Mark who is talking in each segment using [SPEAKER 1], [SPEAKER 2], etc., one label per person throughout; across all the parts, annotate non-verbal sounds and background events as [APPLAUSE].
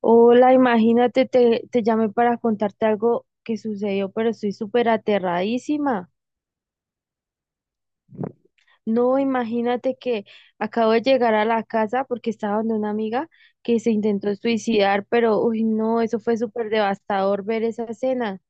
[SPEAKER 1] Hola, imagínate, te llamé para contarte algo que sucedió, pero estoy súper aterradísima. No, imagínate que acabo de llegar a la casa porque estaba donde una amiga que se intentó suicidar, pero uy, no, eso fue súper devastador ver esa escena.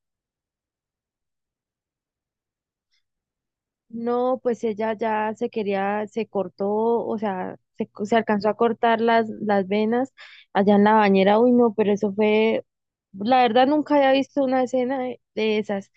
[SPEAKER 1] No, pues ella ya se quería, se cortó, o sea, se alcanzó a cortar las venas allá en la bañera. Uy, no, pero eso fue, la verdad nunca había visto una escena de esas.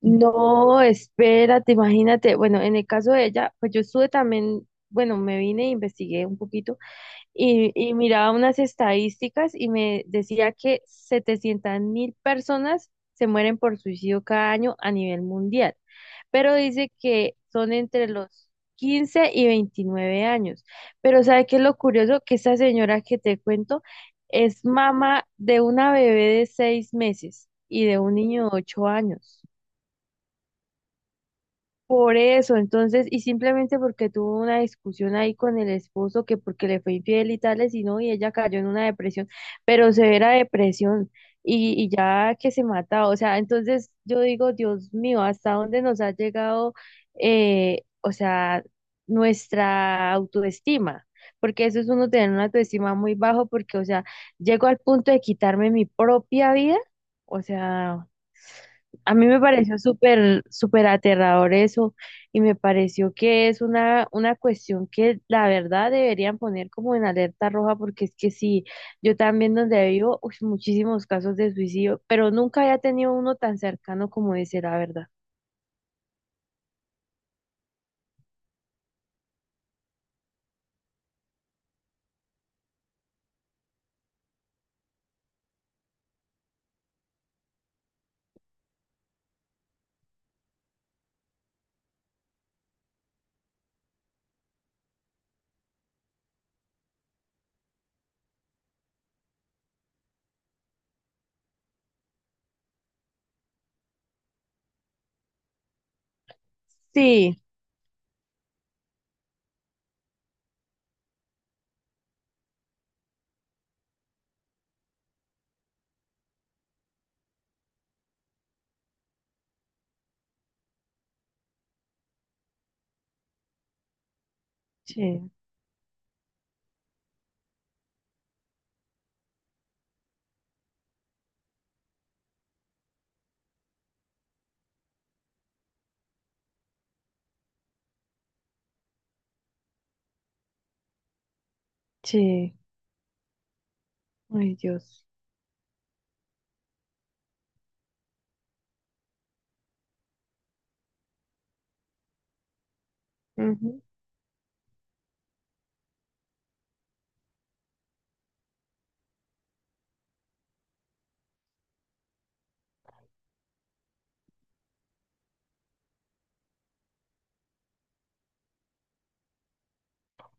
[SPEAKER 1] No, espérate, imagínate. Bueno, en el caso de ella, pues yo estuve también, bueno, me vine e investigué un poquito y miraba unas estadísticas y me decía que 700.000 personas se mueren por suicidio cada año a nivel mundial, pero dice que son entre los 15 y 29 años. Pero ¿sabe qué es lo curioso? Que esa señora que te cuento es mamá de una bebé de 6 meses y de un niño de 8 años. Por eso, entonces, y simplemente porque tuvo una discusión ahí con el esposo, que porque le fue infiel y tales, y no, y ella cayó en una depresión, pero severa depresión, y ya que se mata, o sea, entonces yo digo, Dios mío, ¿hasta dónde nos ha llegado, o sea, nuestra autoestima? Porque eso es uno tener una autoestima muy bajo, porque, o sea, llego al punto de quitarme mi propia vida, o sea. A mí me pareció súper, súper aterrador eso y me pareció que es una cuestión que la verdad deberían poner como en alerta roja porque es que sí, yo también donde vivo, uy, muchísimos casos de suicidio, pero nunca había tenido uno tan cercano como ese, la verdad. Sí, sí, sí, ay Dios. Ujú.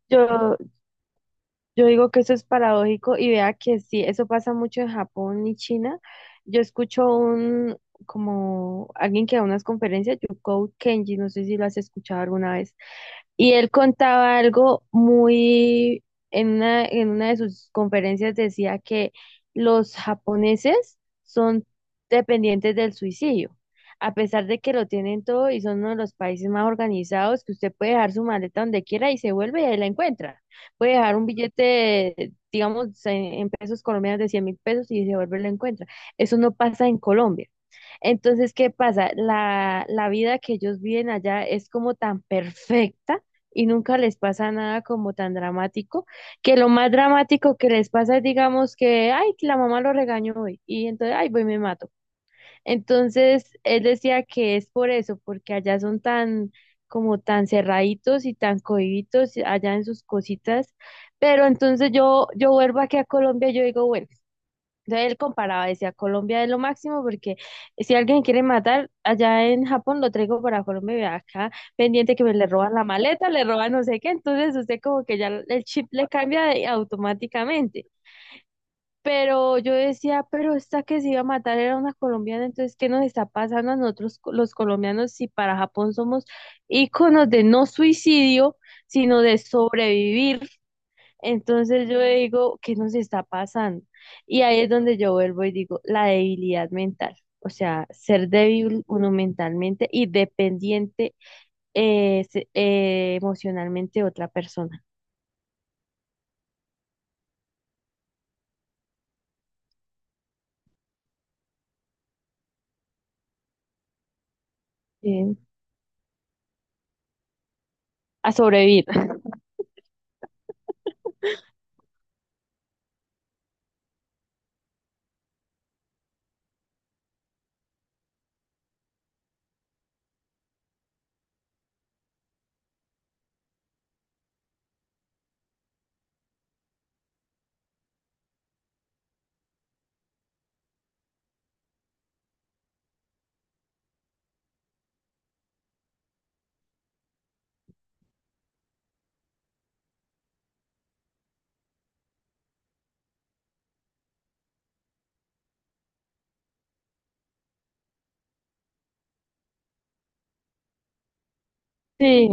[SPEAKER 1] Yo, Yo digo que eso es paradójico y vea que sí, eso pasa mucho en Japón y China. Yo escucho un, como alguien que da unas conferencias, Yuko Kenji, no sé si lo has escuchado alguna vez. Y él contaba algo muy, en una de sus conferencias decía que los japoneses son dependientes del suicidio, a pesar de que lo tienen todo y son uno de los países más organizados, que usted puede dejar su maleta donde quiera y se vuelve y ahí la encuentra. Puede dejar un billete, digamos, en pesos colombianos de 100.000 pesos y se vuelve y la encuentra. Eso no pasa en Colombia. Entonces, ¿qué pasa? La vida que ellos viven allá es como tan perfecta y nunca les pasa nada como tan dramático, que lo más dramático que les pasa es, digamos, que, ay, que la mamá lo regañó hoy y entonces, ay, voy, y me mato. Entonces, él decía que es por eso, porque allá son tan, como tan cerraditos y tan cohibitos allá en sus cositas, pero entonces yo vuelvo aquí a Colombia y yo digo, bueno. Entonces él comparaba, decía, Colombia es lo máximo porque si alguien quiere matar allá en Japón, lo traigo para Colombia y acá pendiente que me le roban la maleta, le roban no sé qué, entonces usted como que ya el chip le cambia automáticamente. Pero yo decía, pero esta que se iba a matar era una colombiana, entonces ¿qué nos está pasando a nosotros los colombianos si para Japón somos íconos de no suicidio, sino de sobrevivir? Entonces yo digo, ¿qué nos está pasando? Y ahí es donde yo vuelvo y digo, la debilidad mental. O sea, ser débil uno mentalmente y dependiente emocionalmente de otra persona. Sí. A sobrevivir. Sí.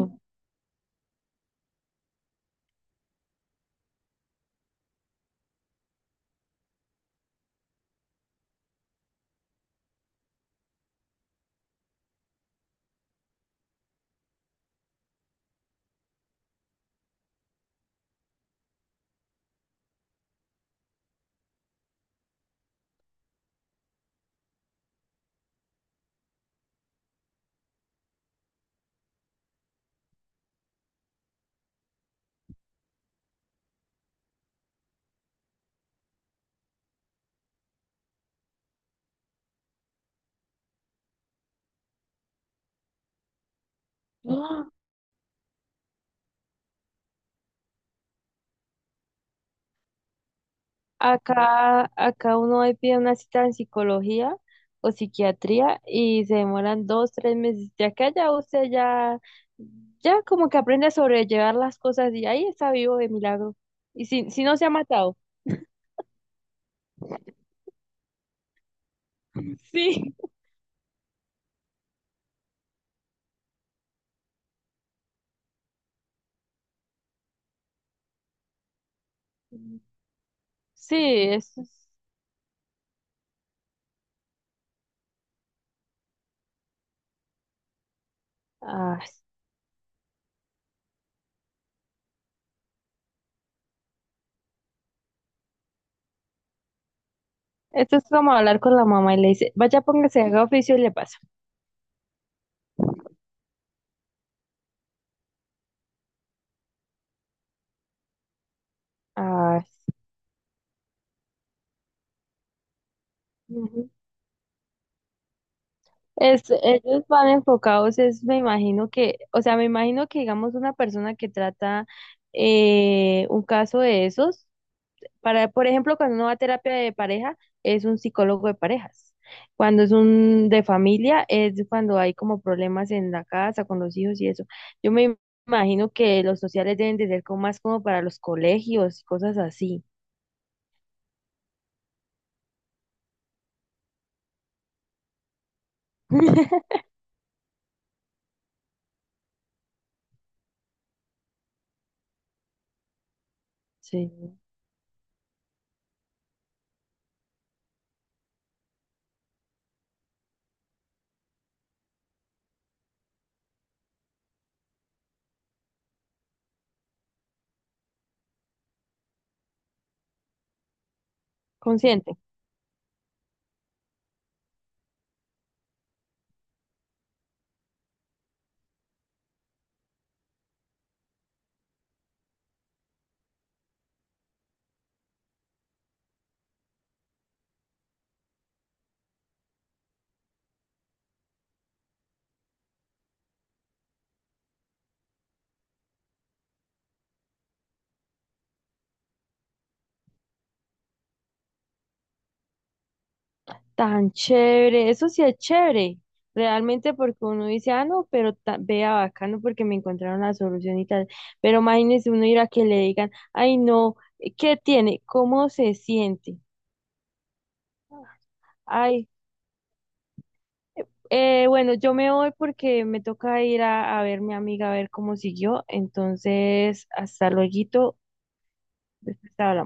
[SPEAKER 1] Acá, acá uno ahí pide una cita en psicología o psiquiatría y se demoran 2, 3 meses. Ya que allá usted ya, ya como que aprende a sobrellevar las cosas y ahí está vivo de milagro. Y si no se ha matado. Sí. Sí, eso es. Ah, esto es como hablar con la mamá y le dice, vaya, póngase, haga oficio y le pasa. Ah, es, ellos van enfocados, es, me imagino que, o sea, me imagino que digamos una persona que trata un caso de esos, para, por ejemplo, cuando uno va a terapia de pareja, es un psicólogo de parejas. Cuando es un de familia, es cuando hay como problemas en la casa, con los hijos y eso. Yo me imagino que los sociales deben de ser como más como para los colegios y cosas así. [LAUGHS] Sí, consciente. Tan chévere, eso sí es chévere, realmente porque uno dice, ah, no, pero vea bacano porque me encontraron la solución y tal, pero imagínese uno ir a que le digan, ay, no, ¿qué tiene? ¿Cómo se siente? Ay, bueno, yo me voy porque me toca ir a, ver mi amiga a ver cómo siguió, entonces, hasta luego, después hablamos.